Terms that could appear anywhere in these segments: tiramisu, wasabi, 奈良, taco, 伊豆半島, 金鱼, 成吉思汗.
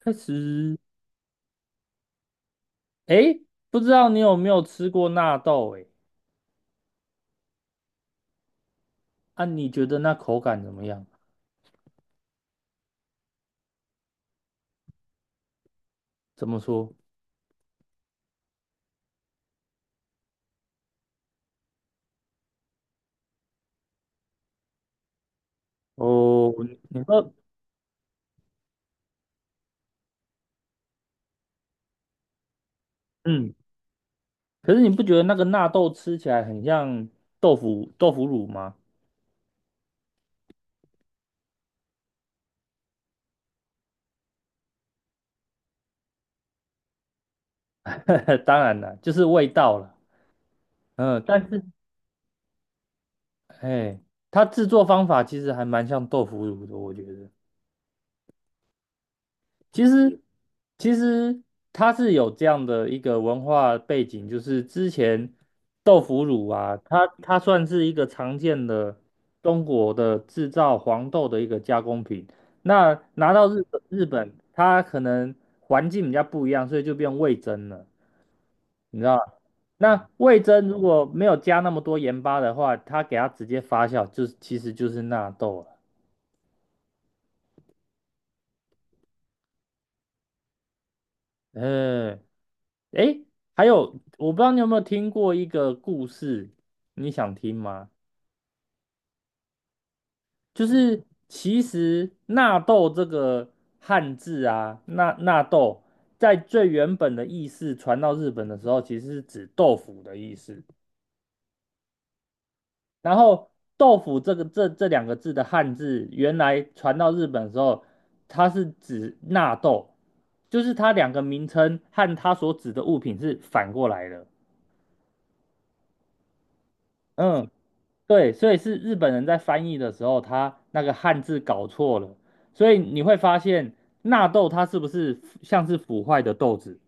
开始。哎，不知道你有没有吃过纳豆？哎，啊，你觉得那口感怎么样？怎么说？哦，你说。嗯，可是你不觉得那个纳豆吃起来很像豆腐乳吗？当然了，就是味道了。嗯，但是，哎，它制作方法其实还蛮像豆腐乳的，我觉得。其实，其实它是有这样的一个文化背景，就是之前豆腐乳啊，它算是一个常见的中国的制造黄豆的一个加工品。那拿到日本，它可能环境比较不一样，所以就变味噌了。你知道吗？那味噌如果没有加那么多盐巴的话，它给它直接发酵，就是其实就是纳豆了。嗯。诶，还有，我不知道你有没有听过一个故事，你想听吗？就是其实纳豆这个汉字啊，纳豆在最原本的意思传到日本的时候，其实是指豆腐的意思。然后豆腐这个这两个字的汉字，原来传到日本的时候，它是指纳豆，就是它两个名称和它所指的物品是反过来的。嗯。对，所以是日本人在翻译的时候，他那个汉字搞错了，所以你会发现纳豆它是不是像是腐坏的豆子？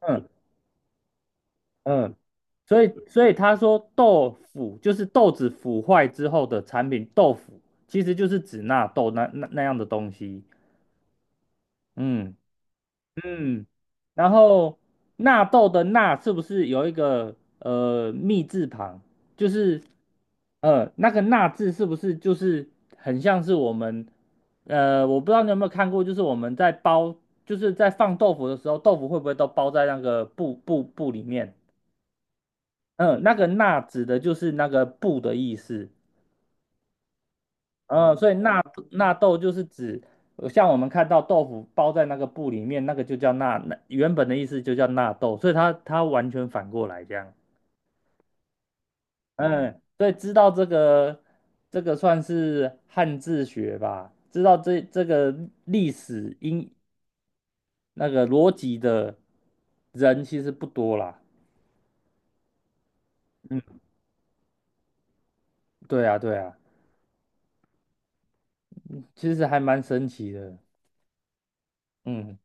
嗯嗯，所以他说豆腐就是豆子腐坏之后的产品，豆腐其实就是指纳豆那样的东西。嗯。嗯，然后纳豆的纳是不是有一个密字旁？就是那个纳字是不是就是很像是我们我不知道你有没有看过，就是我们就是在放豆腐的时候，豆腐会不会都包在那个布里面？嗯，那个纳指的就是那个布的意思。嗯，所以纳豆就是指像我们看到豆腐包在那个布里面，那个就叫纳，那原本的意思就叫纳豆，所以它完全反过来这样。嗯，所以知道这个算是汉字学吧，知道这个历史因那个逻辑的人其实不多啦。嗯，对啊，对啊，其实还蛮神奇的。嗯，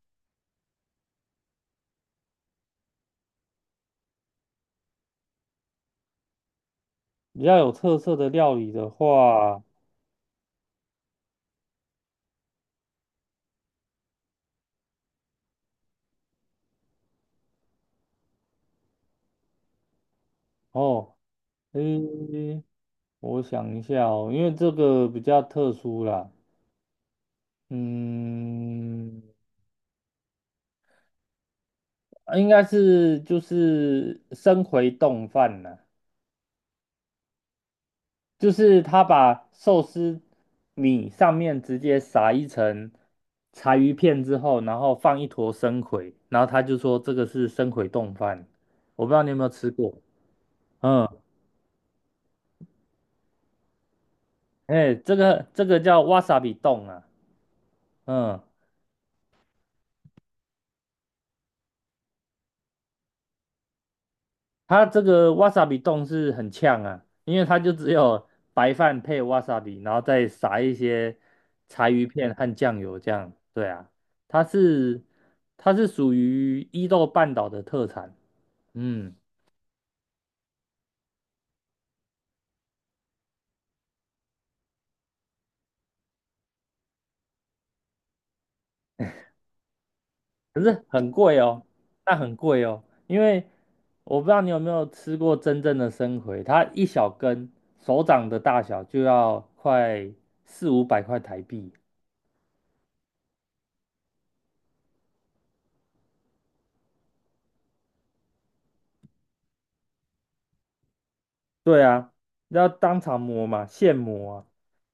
比较有特色的料理的话，哦，诶。我想一下哦，因为这个比较特殊啦。嗯，啊应该是就是生回冻饭啦，就是他把寿司米上面直接撒一层柴鱼片之后，然后放一坨生葵，然后他就说这个是生葵冻饭，我不知道你有没有吃过。嗯，哎，这个叫 wasabi 冻啊。嗯，它这个 wasabi 冻是很呛啊，因为它就只有白饭配 wasabi，然后再撒一些柴鱼片和酱油这样。对啊，它是它是属于伊豆半岛的特产。嗯，可是很贵哦，那很贵哦，因为我不知道你有没有吃过真正的生葵，它一小根手掌的大小就要快四五百块台币。对啊，要当场磨嘛，现磨啊。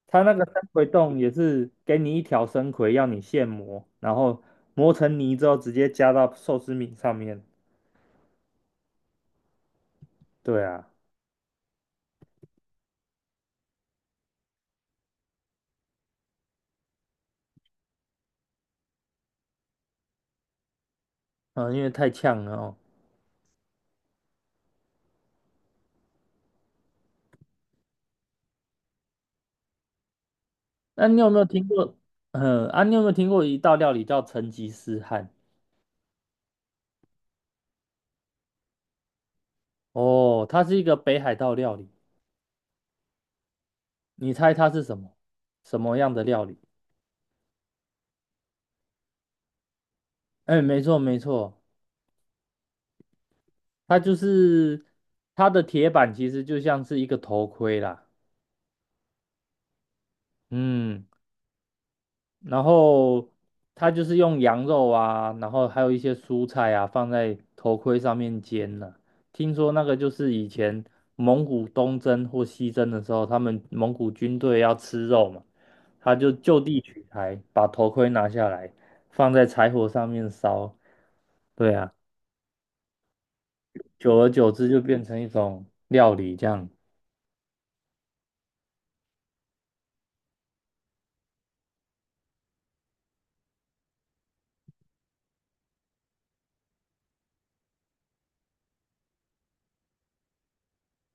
他那个生葵冻也是给你一条生葵，要你现磨，然后磨成泥之后直接加到寿司米上面。对啊。嗯，因为太呛了哦。那你有没有听过？嗯，啊，你有没有听过一道料理叫成吉思汗？哦，它是一个北海道料理。你猜它是什么？什么样的料理？哎，没错没错，它就是它的铁板其实就像是一个头盔啦。嗯。然后他就是用羊肉啊，然后还有一些蔬菜啊，放在头盔上面煎呢、听说那个就是以前蒙古东征或西征的时候，他们蒙古军队要吃肉嘛，他就地取材，把头盔拿下来，放在柴火上面烧。对啊，久而久之就变成一种料理这样。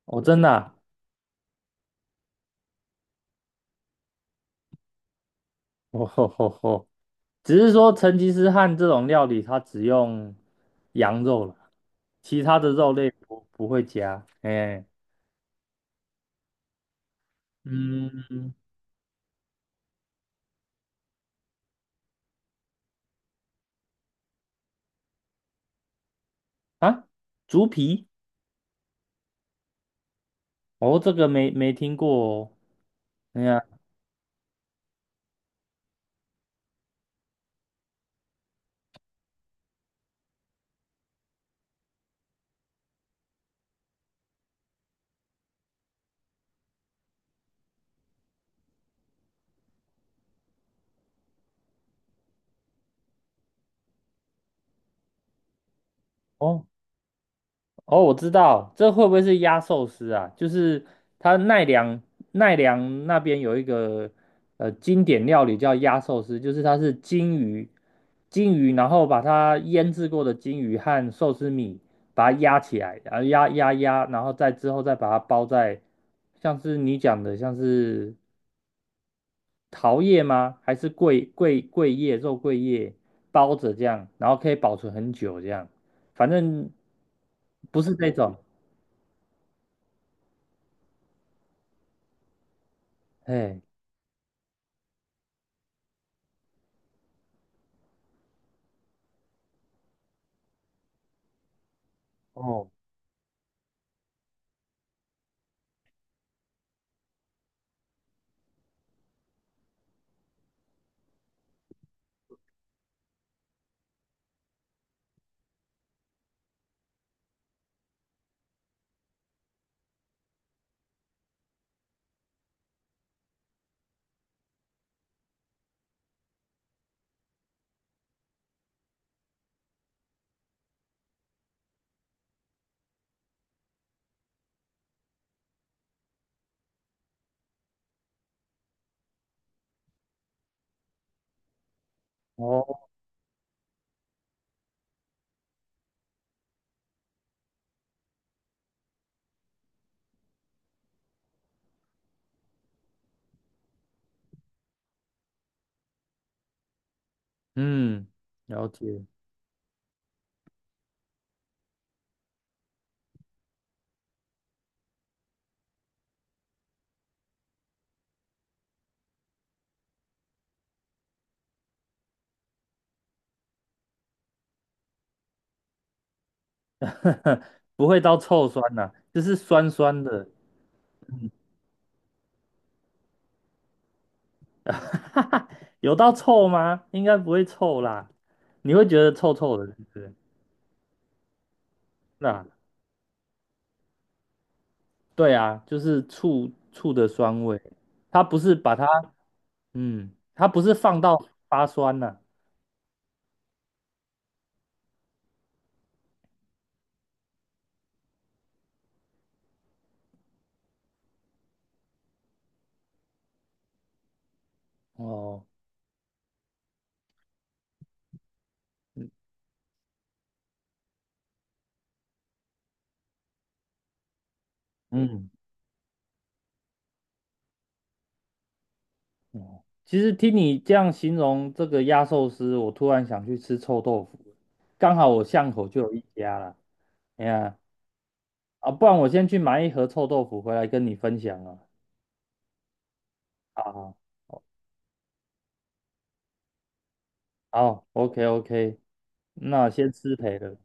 哦，真的啊。哦吼吼吼。只是说成吉思汗这种料理，它只用羊肉了，其他的肉类不会加。哎、嗯，啊，猪皮？哦，这个没听过哦。哎呀，哦，哦，我知道，这会不会是压寿司啊？就是它奈良那边有一个经典料理叫压寿司，就是它是金鱼，然后把它腌制过的金鱼和寿司米把它压起来，然后压压压，然后再之后再把它包在像是你讲的像是桃叶吗？还是桂桂桂叶肉桂叶包着这样，然后可以保存很久这样，反正不是这种。哎，哦，哦，嗯，了解。不会到臭酸呐、就是酸酸的。有到臭吗？应该不会臭啦，你会觉得臭臭的，是不是？那对啊，就是醋醋的酸味，它不是把它，嗯，它不是放到发酸呐、哦，嗯嗯，哦其实听你这样形容这个压寿司，我突然想去吃臭豆腐了，刚好我巷口就有一家啦。哎呀，啊，不然我先去买一盒臭豆腐回来跟你分享啊。好好好，OK OK，那先失陪了。